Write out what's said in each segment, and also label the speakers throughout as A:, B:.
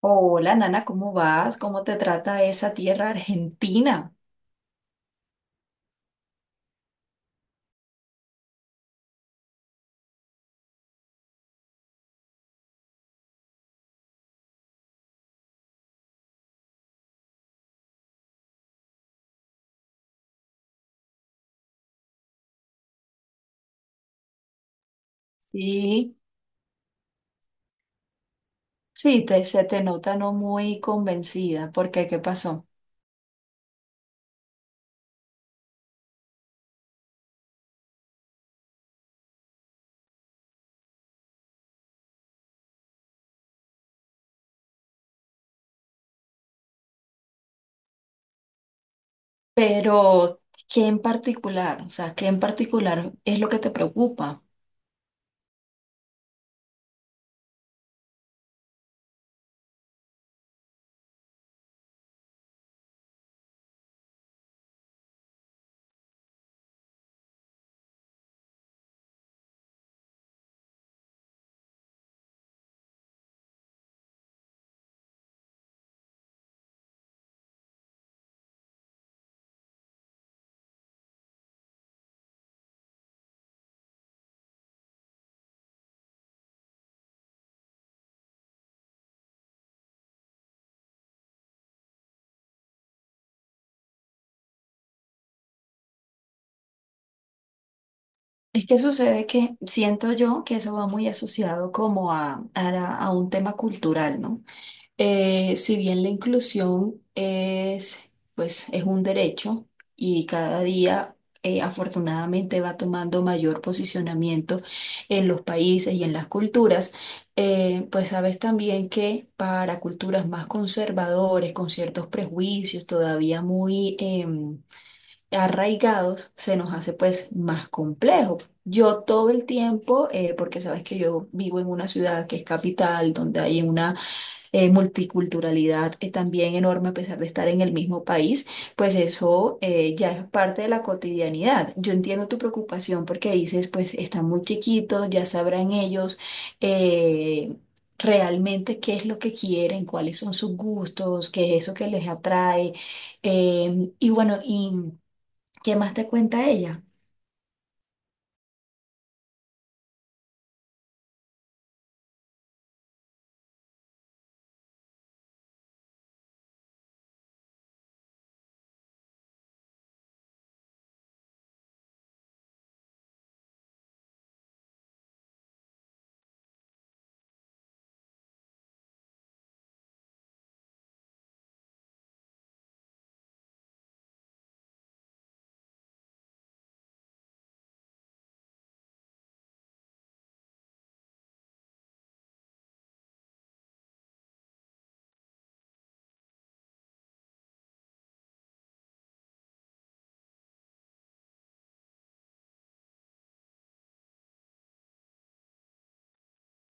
A: Hola, Nana, ¿cómo vas? ¿Cómo te trata esa tierra argentina? Sí, sí, se te nota no muy convencida, porque ¿Qué pasó? Pero, ¿qué en particular? O sea, ¿qué en particular es lo que te preocupa? Es que sucede que siento yo que eso va muy asociado como a un tema cultural, ¿no? Si bien la inclusión es, pues, es un derecho y cada día afortunadamente va tomando mayor posicionamiento en los países y en las culturas, pues sabes también que para culturas más conservadores, con ciertos prejuicios todavía muy arraigados, se nos hace pues más complejo. Yo todo el tiempo, porque sabes que yo vivo en una ciudad que es capital, donde hay una multiculturalidad también enorme a pesar de estar en el mismo país, pues eso ya es parte de la cotidianidad. Yo entiendo tu preocupación porque dices, pues están muy chiquitos, ya sabrán ellos. eh, Realmente qué es lo que quieren, cuáles son sus gustos, qué es eso que les atrae. Y bueno, ¿y qué más te cuenta ella?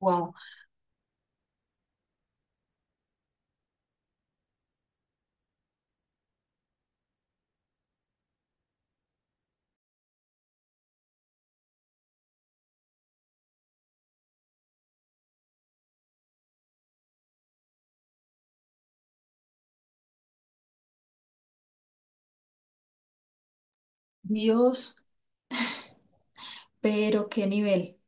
A: Wow. Dios, pero qué nivel.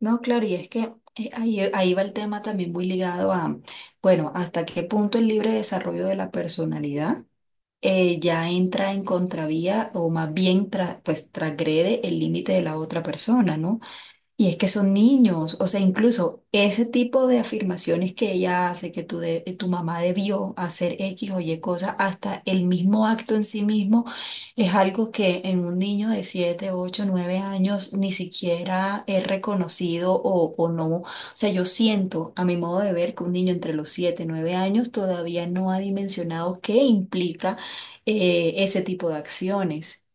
A: No, claro, y es que ahí va el tema también muy ligado a, bueno, hasta qué punto el libre desarrollo de la personalidad ya entra en contravía o más bien pues transgrede el límite de la otra persona, ¿no? Y es que son niños, o sea, incluso ese tipo de afirmaciones que ella hace, que tu mamá debió hacer X o Y cosa, hasta el mismo acto en sí mismo, es algo que en un niño de 7 8 9 años ni siquiera es reconocido o no. O sea, yo siento, a mi modo de ver, que un niño entre los 7 9 años todavía no ha dimensionado qué implica ese tipo de acciones.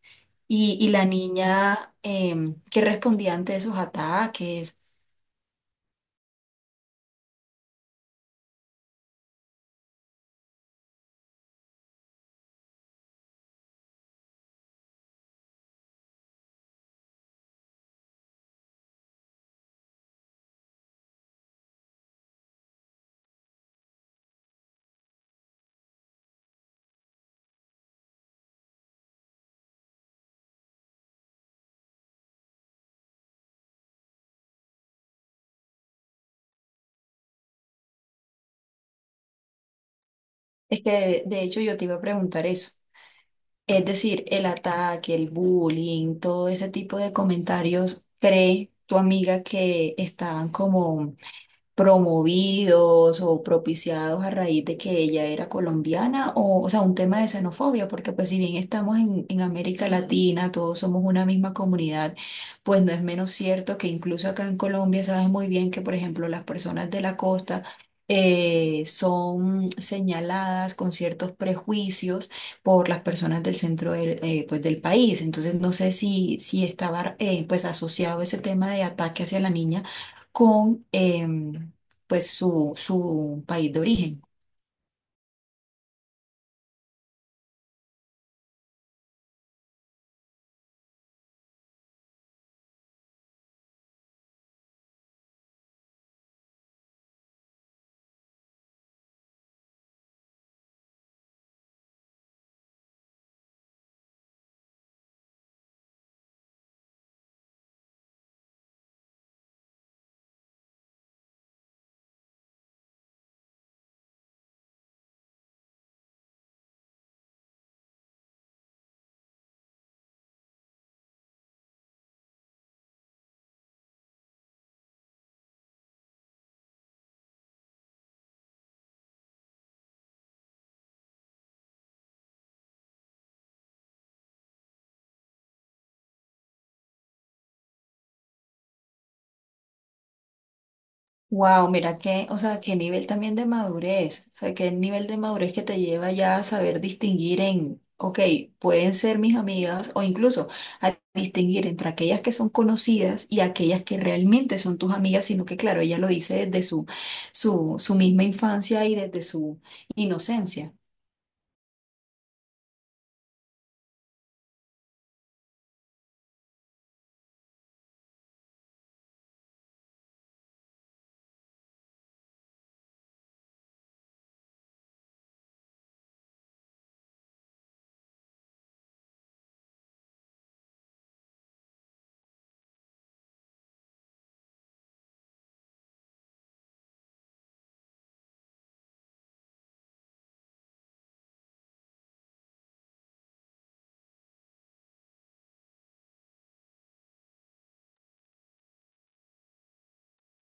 A: Y la niña, ¿que respondía ante esos ataques? Es que de hecho yo te iba a preguntar eso. Es decir, el ataque, el bullying, todo ese tipo de comentarios, ¿cree tu amiga que estaban como promovidos o propiciados a raíz de que ella era colombiana, o sea, un tema de xenofobia, porque pues si bien estamos en América Latina, todos somos una misma comunidad, pues no es menos cierto que incluso acá en Colombia sabes muy bien que, por ejemplo, las personas de la costa, son señaladas con ciertos prejuicios por las personas del centro pues, del país. Entonces, no sé si, estaba pues asociado ese tema de ataque hacia la niña con pues su país de origen. Wow, mira qué, o sea, qué nivel también de madurez, o sea, qué nivel de madurez que te lleva ya a saber distinguir en, ok, pueden ser mis amigas o incluso a distinguir entre aquellas que son conocidas y aquellas que realmente son tus amigas, sino que claro, ella lo dice desde su misma infancia y desde su inocencia.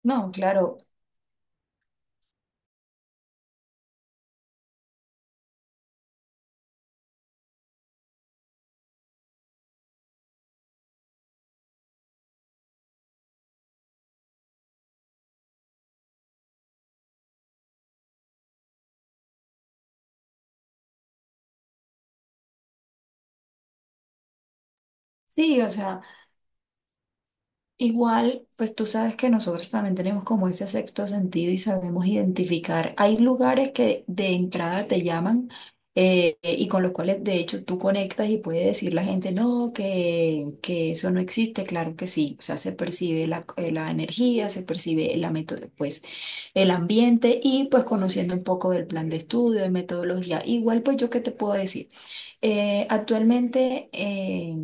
A: No, claro. Sí, o sea. Igual, pues tú sabes que nosotros también tenemos como ese sexto sentido y sabemos identificar. Hay lugares que de entrada te llaman y con los cuales de hecho tú conectas y puede decir la gente, no, que eso no existe. Claro que sí, o sea, se percibe la energía, se percibe la pues, el ambiente y pues conociendo un poco del plan de estudio, de metodología. Igual, pues yo qué te puedo decir. Actualmente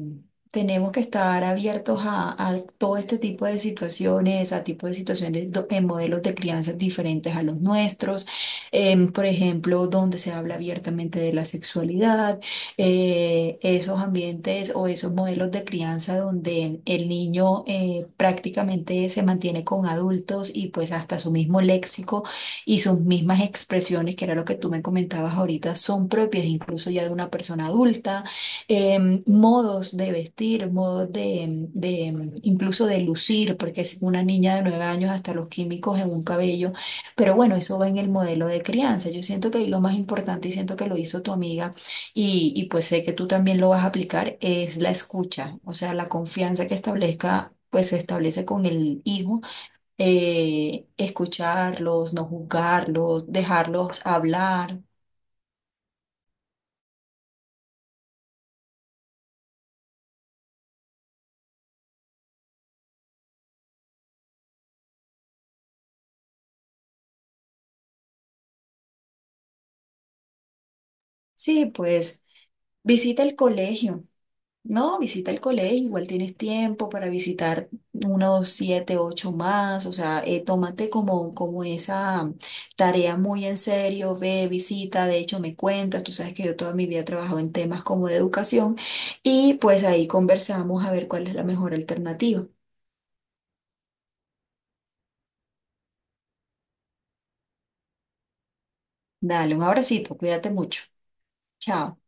A: tenemos que estar abiertos a todo este tipo de situaciones, a tipo de situaciones en modelos de crianza diferentes a los nuestros, por ejemplo, donde se habla abiertamente de la sexualidad, esos ambientes o esos modelos de crianza donde el niño prácticamente se mantiene con adultos y pues hasta su mismo léxico y sus mismas expresiones, que era lo que tú me comentabas ahorita, son propias incluso ya de una persona adulta, modos de vestir, modos incluso de lucir, porque es una niña de 9 años hasta los químicos en un cabello, pero bueno, eso va en el modelo de crianza. Yo siento que ahí lo más importante y siento que lo hizo tu amiga y pues sé que tú también lo vas a aplicar, es la escucha, o sea, la confianza que establezca, pues se establece con el hijo escucharlos, no juzgarlos, dejarlos hablar. Sí, pues visita el colegio, ¿no? Visita el colegio, igual tienes tiempo para visitar unos siete, ocho más, o sea, tómate como, como esa tarea muy en serio, ve, visita, de hecho me cuentas, tú sabes que yo toda mi vida he trabajado en temas como de educación y pues ahí conversamos a ver cuál es la mejor alternativa. Dale un abracito, cuídate mucho. Chao.